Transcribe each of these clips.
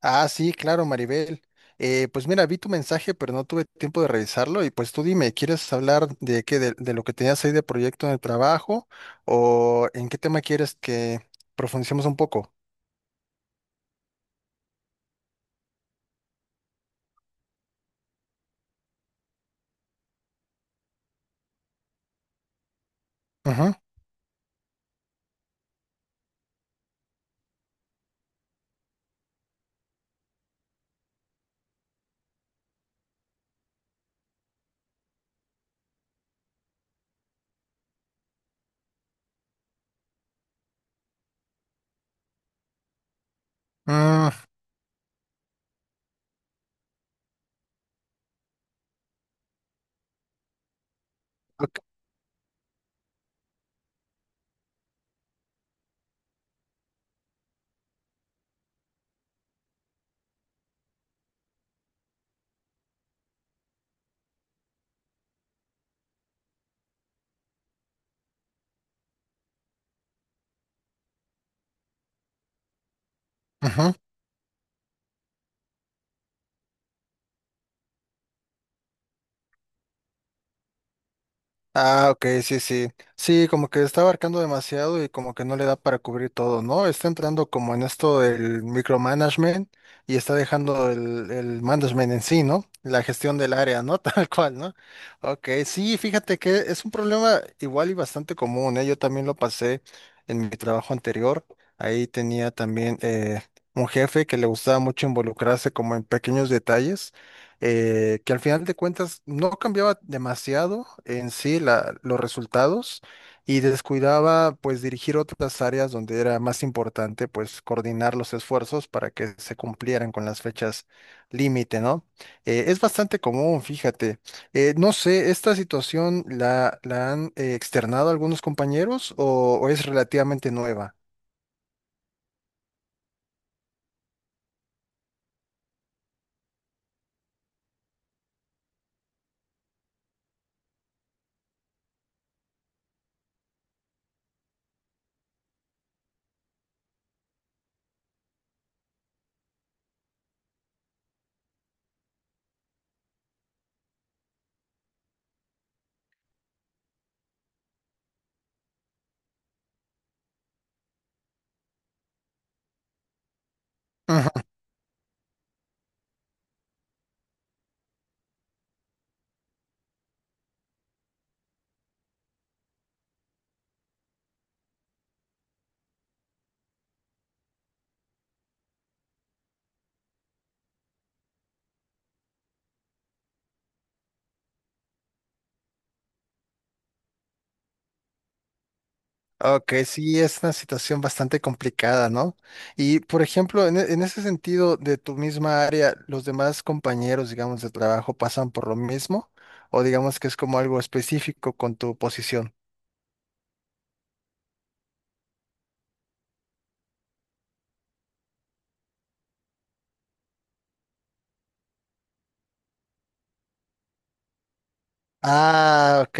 Ah, sí, claro, Maribel. Pues mira, vi tu mensaje, pero no tuve tiempo de revisarlo. Y pues tú dime, ¿quieres hablar de qué, de lo que tenías ahí de proyecto en el trabajo? ¿O en qué tema quieres que profundicemos un poco? Ujú. Mm, ok, ujú. Ah, ok, sí, sí. Sí, como que está abarcando demasiado y como que no le da para cubrir todo, ¿no? Está entrando como en esto del micromanagement y está dejando el management en sí, ¿no? La gestión del área, ¿no? Tal cual, ¿no? Ok, sí, fíjate que es un problema igual y bastante común, ¿eh? Yo también lo pasé en mi trabajo anterior. Ahí tenía también un jefe que le gustaba mucho involucrarse como en pequeños detalles, que al final de cuentas no cambiaba demasiado en sí los resultados y descuidaba pues dirigir otras áreas donde era más importante pues coordinar los esfuerzos para que se cumplieran con las fechas límite, ¿no? Es bastante común, fíjate. No sé, ¿esta situación la han externado algunos compañeros o es relativamente nueva? Ok, sí, es una situación bastante complicada, ¿no? Y, por ejemplo, en, en ese sentido de tu misma área, ¿los demás compañeros, digamos, de trabajo pasan por lo mismo? ¿O digamos que es como algo específico con tu posición? Ah, ok.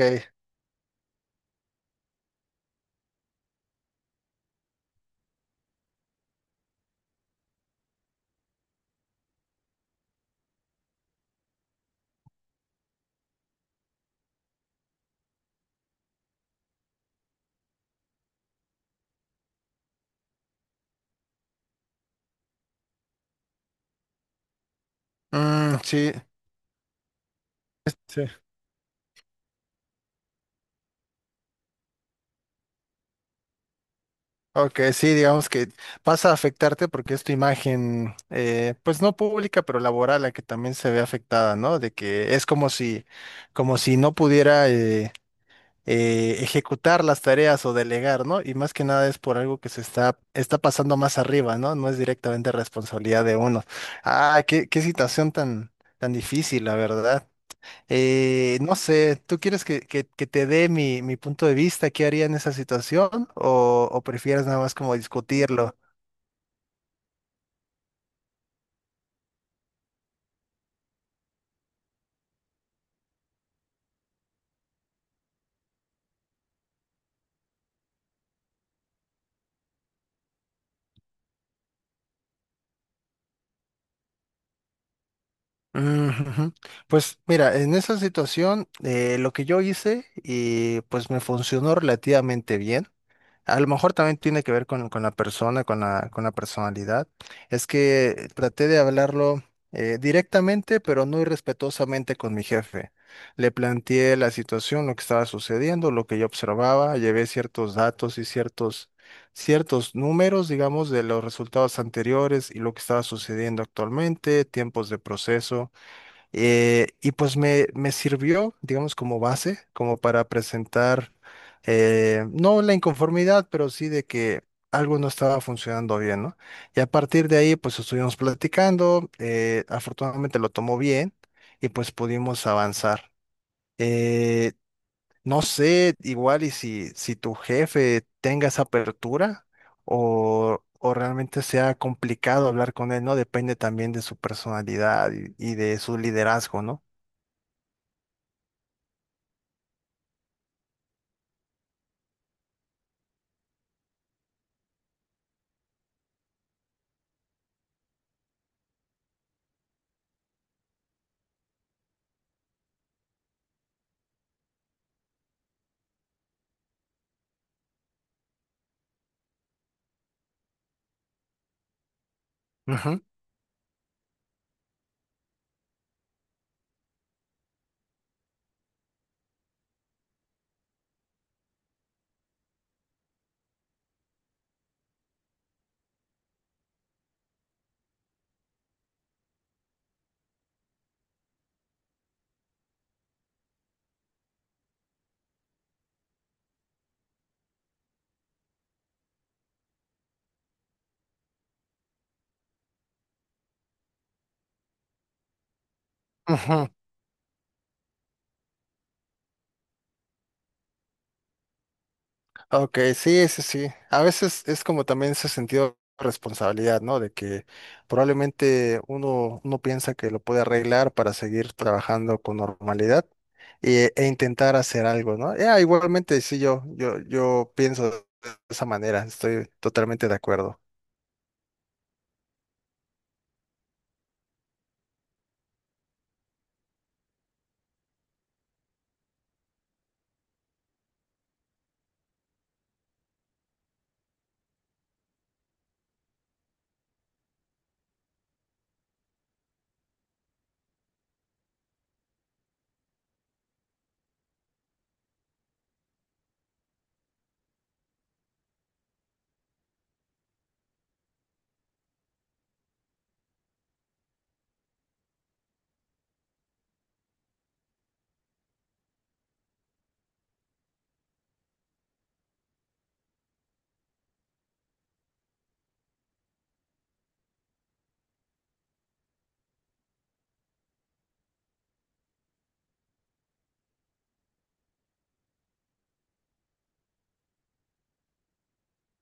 Mm, sí, sí, ok, sí, digamos que pasa a afectarte porque es tu imagen, pues no pública, pero laboral, la que también se ve afectada, ¿no? De que es como si no pudiera ejecutar las tareas o delegar, ¿no? Y más que nada es por algo que está pasando más arriba, ¿no? No es directamente responsabilidad de uno. Ah, qué, qué situación tan, tan difícil, la verdad. No sé, ¿tú quieres que, que te dé mi, mi punto de vista? ¿Qué haría en esa situación? O prefieres nada más como discutirlo? Mm, ujú. Pues mira, en esa situación lo que yo hice y pues me funcionó relativamente bien. A lo mejor también tiene que ver con la persona, con la personalidad. Es que traté de hablarlo directamente, pero no irrespetuosamente con mi jefe. Le planteé la situación, lo que estaba sucediendo, lo que yo observaba, llevé ciertos datos y ciertos, ciertos números, digamos, de los resultados anteriores y lo que estaba sucediendo actualmente, tiempos de proceso. Y pues me sirvió, digamos, como base, como para presentar, no la inconformidad, pero sí de que algo no estaba funcionando bien, ¿no? Y a partir de ahí, pues estuvimos platicando, afortunadamente lo tomó bien y pues pudimos avanzar. Eh, no sé, igual y si, si tu jefe tenga esa apertura o realmente sea complicado hablar con él, ¿no? Depende también de su personalidad y de su liderazgo, ¿no? Ujú, ujú. Ok, sí, sí, sí. A veces es como también ese sentido de responsabilidad, ¿no? De que probablemente uno, uno piensa que lo puede arreglar para seguir trabajando con normalidad e, e intentar hacer algo, ¿no? Ya, igualmente, sí, yo pienso de esa manera, estoy totalmente de acuerdo.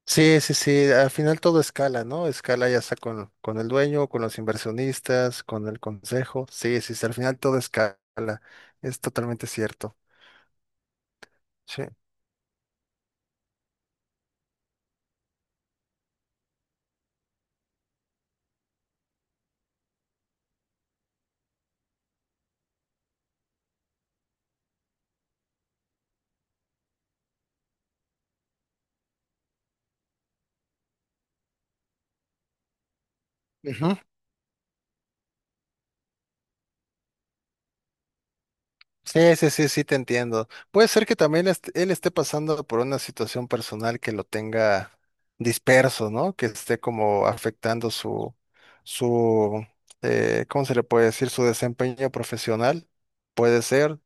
Sí, sí, sí, al final todo escala, ¿no? Escala ya sea con el dueño, con los inversionistas, con el consejo. Sí, sí, sí, al final todo escala, es totalmente cierto. Sí. Ujú. Sí, sí, sí, sí, te entiendo. Puede ser que también él esté pasando por una situación personal que lo tenga disperso, ¿no? Que esté como afectando su, su, ¿cómo se le puede decir? Su desempeño profesional. Puede ser.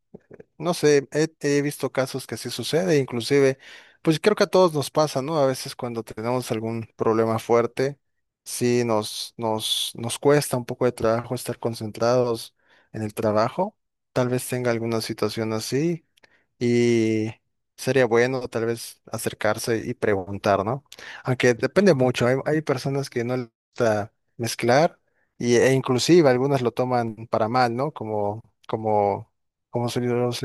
No sé, he, he visto casos que sí sucede, inclusive, pues creo que a todos nos pasa, ¿no? A veces cuando tenemos algún problema fuerte, sí nos, nos, nos cuesta un poco de trabajo estar concentrados en el trabajo. Tal vez tenga alguna situación así y sería bueno tal vez acercarse y preguntar, ¿no? Aunque depende mucho, hay personas que no les gusta mezclar y, e inclusive algunas lo toman para mal, ¿no? Como, como como sonidos.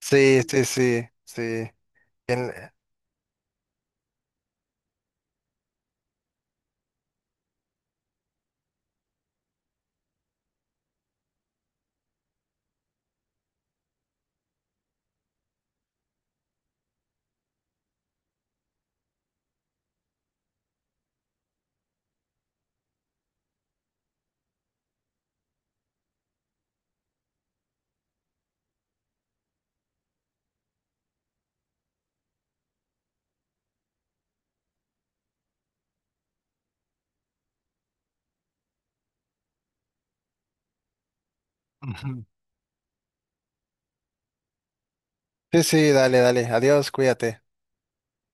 Sí, sí, sí, sí. Bien. Ujú. Sí, sí, dale, dale. Adiós, cuídate.